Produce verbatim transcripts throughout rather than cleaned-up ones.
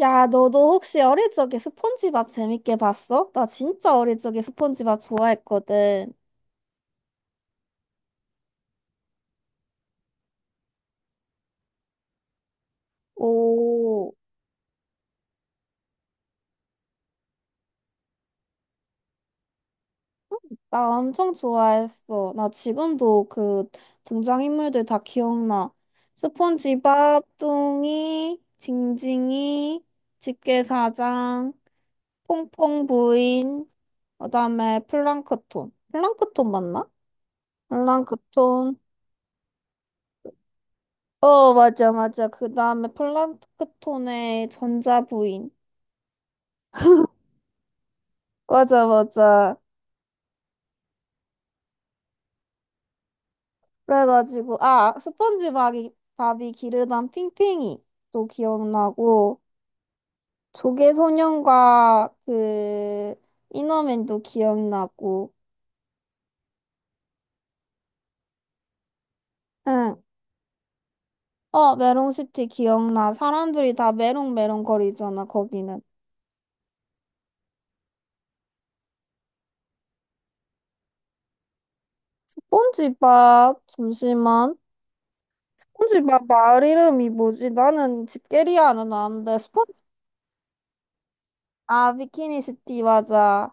야, 너도 혹시 어릴 적에 스폰지밥 재밌게 봤어? 나 진짜 어릴 적에 스폰지밥 좋아했거든. 오, 나 엄청 좋아했어. 나 지금도 그 등장인물들 다 기억나. 스폰지밥, 뚱이, 징징이, 집게사장, 퐁퐁 부인, 그다음에 플랑크톤. 플랑크톤 맞나? 플랑크톤. 어, 맞아, 맞아. 그다음에 플랑크톤의 전자부인. 맞아, 맞아. 그래가지고, 아, 스펀지밥이, 밥이 밥이 기르던 핑핑이도 기억나고, 조개소년과 그, 이너맨도 기억나고, 응. 어, 메롱시티 기억나. 사람들이 다 메롱메롱 거리잖아, 거기는. 스폰지밥, 잠시만. 스폰지밥 마을 이름이 뭐지? 나는 집게리아는 아는데, 스폰지, 아, 비키니시티, 맞아.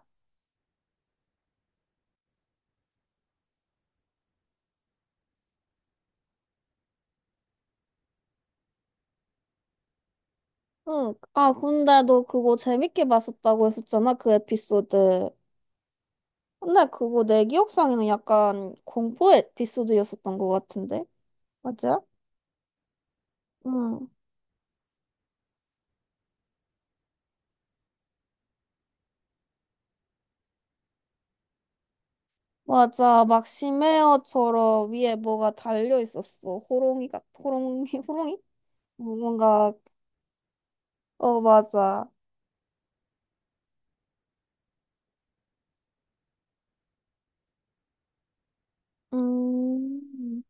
응. 아, 근데 너 그거 재밌게 봤었다고 했었잖아, 그 에피소드. 근데 그거 내 기억상에는 약간 공포 에피소드였었던 것 같은데? 맞아? 응. 맞아. 막 심해어처럼 위에 뭐가 달려 있었어. 호롱이 같, 호롱이, 호롱이? 어, 뭔가, 어, 맞아. 음,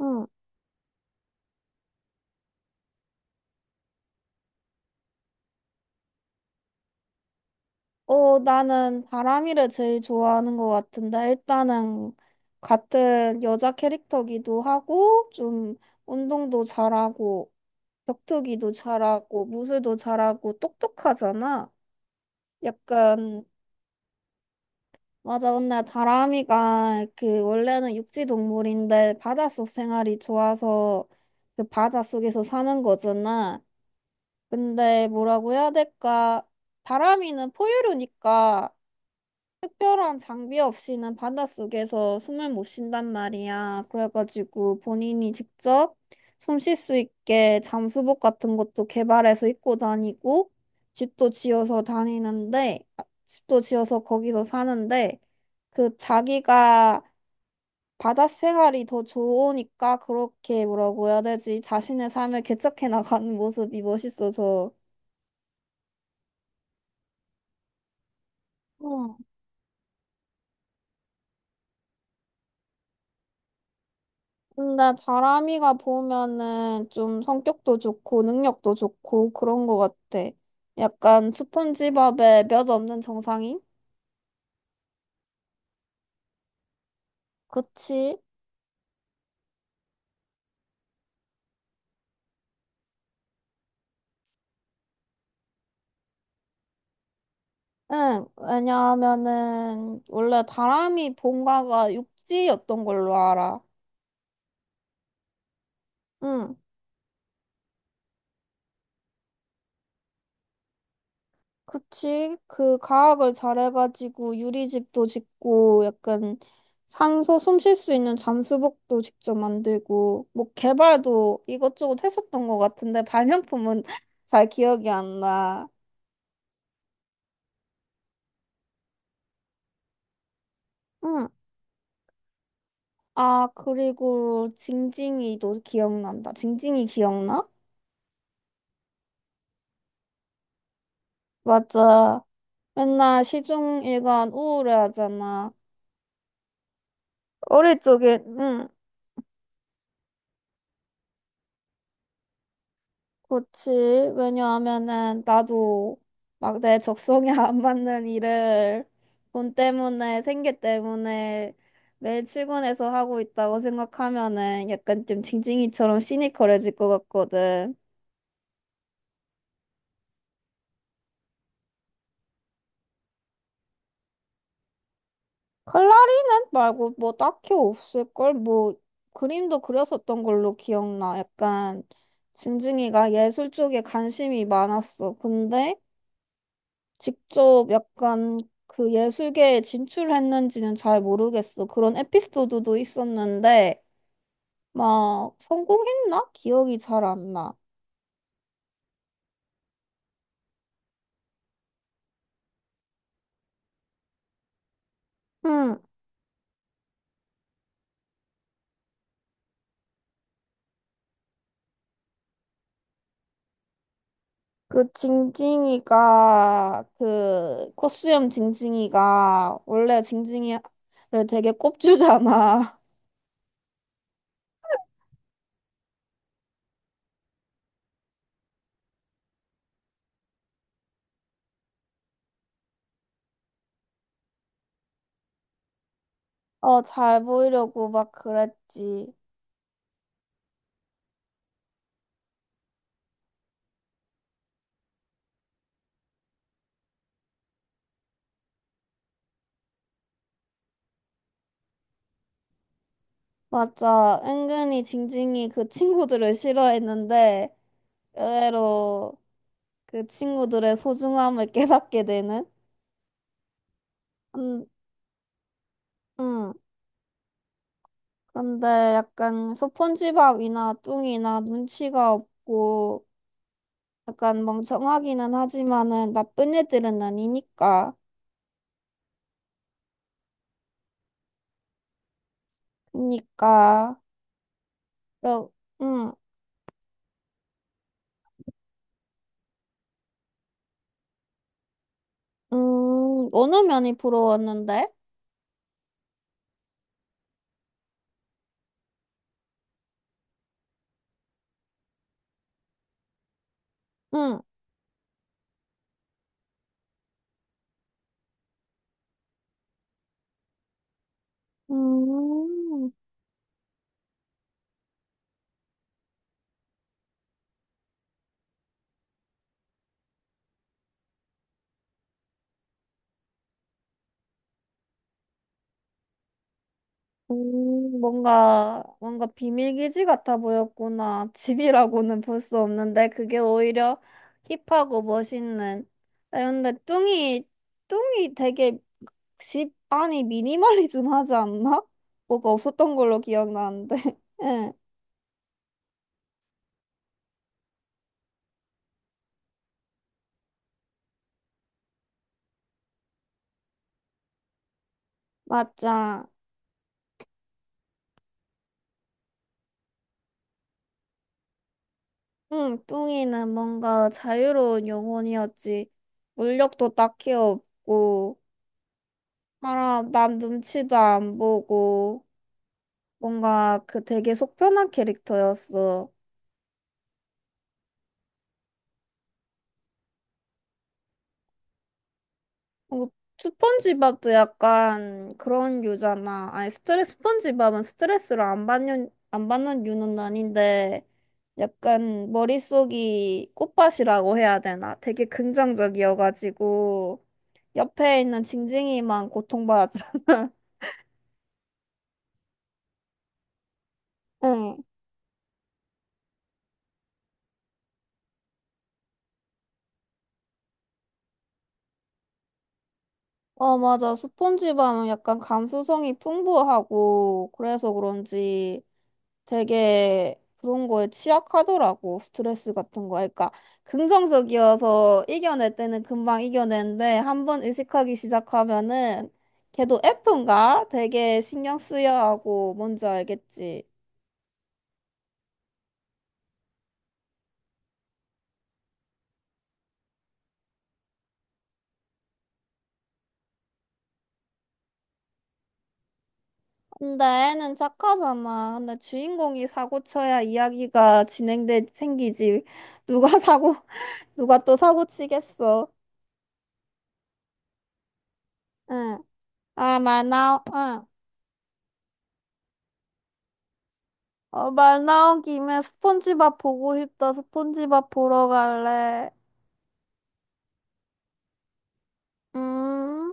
응. 어, 나는 바람이를 제일 좋아하는 것 같은데, 일단은 같은 여자 캐릭터기도 하고, 좀 운동도 잘하고, 격투기도 잘하고, 무술도 잘하고, 똑똑하잖아. 약간, 맞아. 근데 다람이가 그 원래는 육지 동물인데, 바닷속 생활이 좋아서 그 바닷속에서 사는 거잖아. 근데 뭐라고 해야 될까? 다람이는 포유류니까, 특별한 장비 없이는 바닷속에서 숨을 못 쉰단 말이야. 그래가지고 본인이 직접 숨 쉴 수 있게 잠수복 같은 것도 개발해서 입고 다니고 집도 지어서 다니는데 아, 집도 지어서 거기서 사는데 그 자기가 바다 생활이 더 좋으니까 그렇게 뭐라고 해야 되지? 자신의 삶을 개척해 나가는 모습이 멋있어서 근데 다람이가 보면은 좀 성격도 좋고 능력도 좋고 그런 것 같아. 약간 스폰지밥에 몇 없는 정상인? 그치? 응, 왜냐하면은 원래 다람이 본가가 육지였던 걸로 알아. 응. 그치? 그 가학을 잘해가지고 유리집도 짓고 약간 산소 숨 쉴 수 있는 잠수복도 직접 만들고 뭐 개발도 이것저것 했었던 것 같은데 발명품은 잘 기억이 안 나. 응. 아, 그리고 징징이도 기억난다. 징징이 기억나? 맞아. 맨날 시중 일관 우울해하잖아. 어릴 적에, 응. 그치. 왜냐하면은 나도 막 내 적성에 안 맞는 일을 돈 때문에, 생계 때문에 매일 출근해서 하고 있다고 생각하면은 약간 좀 징징이처럼 시니컬해질 것 같거든. 칼라리넷 말고 뭐 딱히 없을걸? 뭐 그림도 그렸었던 걸로 기억나. 약간 징징이가 예술 쪽에 관심이 많았어. 근데 직접 약간 그 예술계에 진출했는지는 잘 모르겠어. 그런 에피소드도 있었는데, 막 성공했나? 기억이 잘 안 나. 응. 그 징징이가, 그 코수염 징징이가 원래 징징이를 되게 꼽주잖아. 어, 잘 보이려고 막 그랬지. 맞아. 은근히 징징이 그 친구들을 싫어했는데, 의외로 그 친구들의 소중함을 깨닫게 되는? 음, 음. 근데 약간 소폰지밥이나 뚱이나 눈치가 없고 약간 멍청하기는 하지만은 나쁜 애들은 아니니까. 그니까, 러 음, 음, 어느 면이 부러웠는데? 응. 음. 음, 뭔가, 뭔가 비밀기지 같아 보였구나. 집이라고는 볼 수 없는데, 그게 오히려 힙하고 멋있는. 아, 근데 뚱이, 뚱이 되게 집 안이 미니멀리즘 하지 않나? 뭐가 없었던 걸로 기억나는데. 응, 맞아. 응, 뚱이는 뭔가 자유로운 영혼이었지. 물력도 딱히 없고, 알아 남 눈치도 안 보고. 뭔가 그 되게 속편한 캐릭터였어. 어, 스폰지밥도 약간 그런 유잖아. 아니, 스트레스, 스폰지밥은 스트레스를 안 받는, 안 받는 유는 아닌데, 약간 머릿속이 꽃밭이라고 해야 되나? 되게 긍정적이어가지고, 옆에 있는 징징이만 고통받았잖아. 응. 어, 맞아. 스폰지밥은 약간 감수성이 풍부하고, 그래서 그런지, 되게 그런 거에 취약하더라고. 스트레스 같은 거. 그러니까 긍정적이어서 이겨낼 때는 금방 이겨내는데 한 번 의식하기 시작하면은 걔도 F인가? 되게 신경 쓰여 하고 뭔지 알겠지. 근데 애는 착하잖아. 근데 주인공이 사고 쳐야 이야기가 진행돼 생기지. 누가 사고 누가 또 사고 치겠어. 응. 아, 말 나오. 응. 어, 말 나온 김에 스폰지밥 보고 싶다. 스폰지밥 보러 갈래. 음.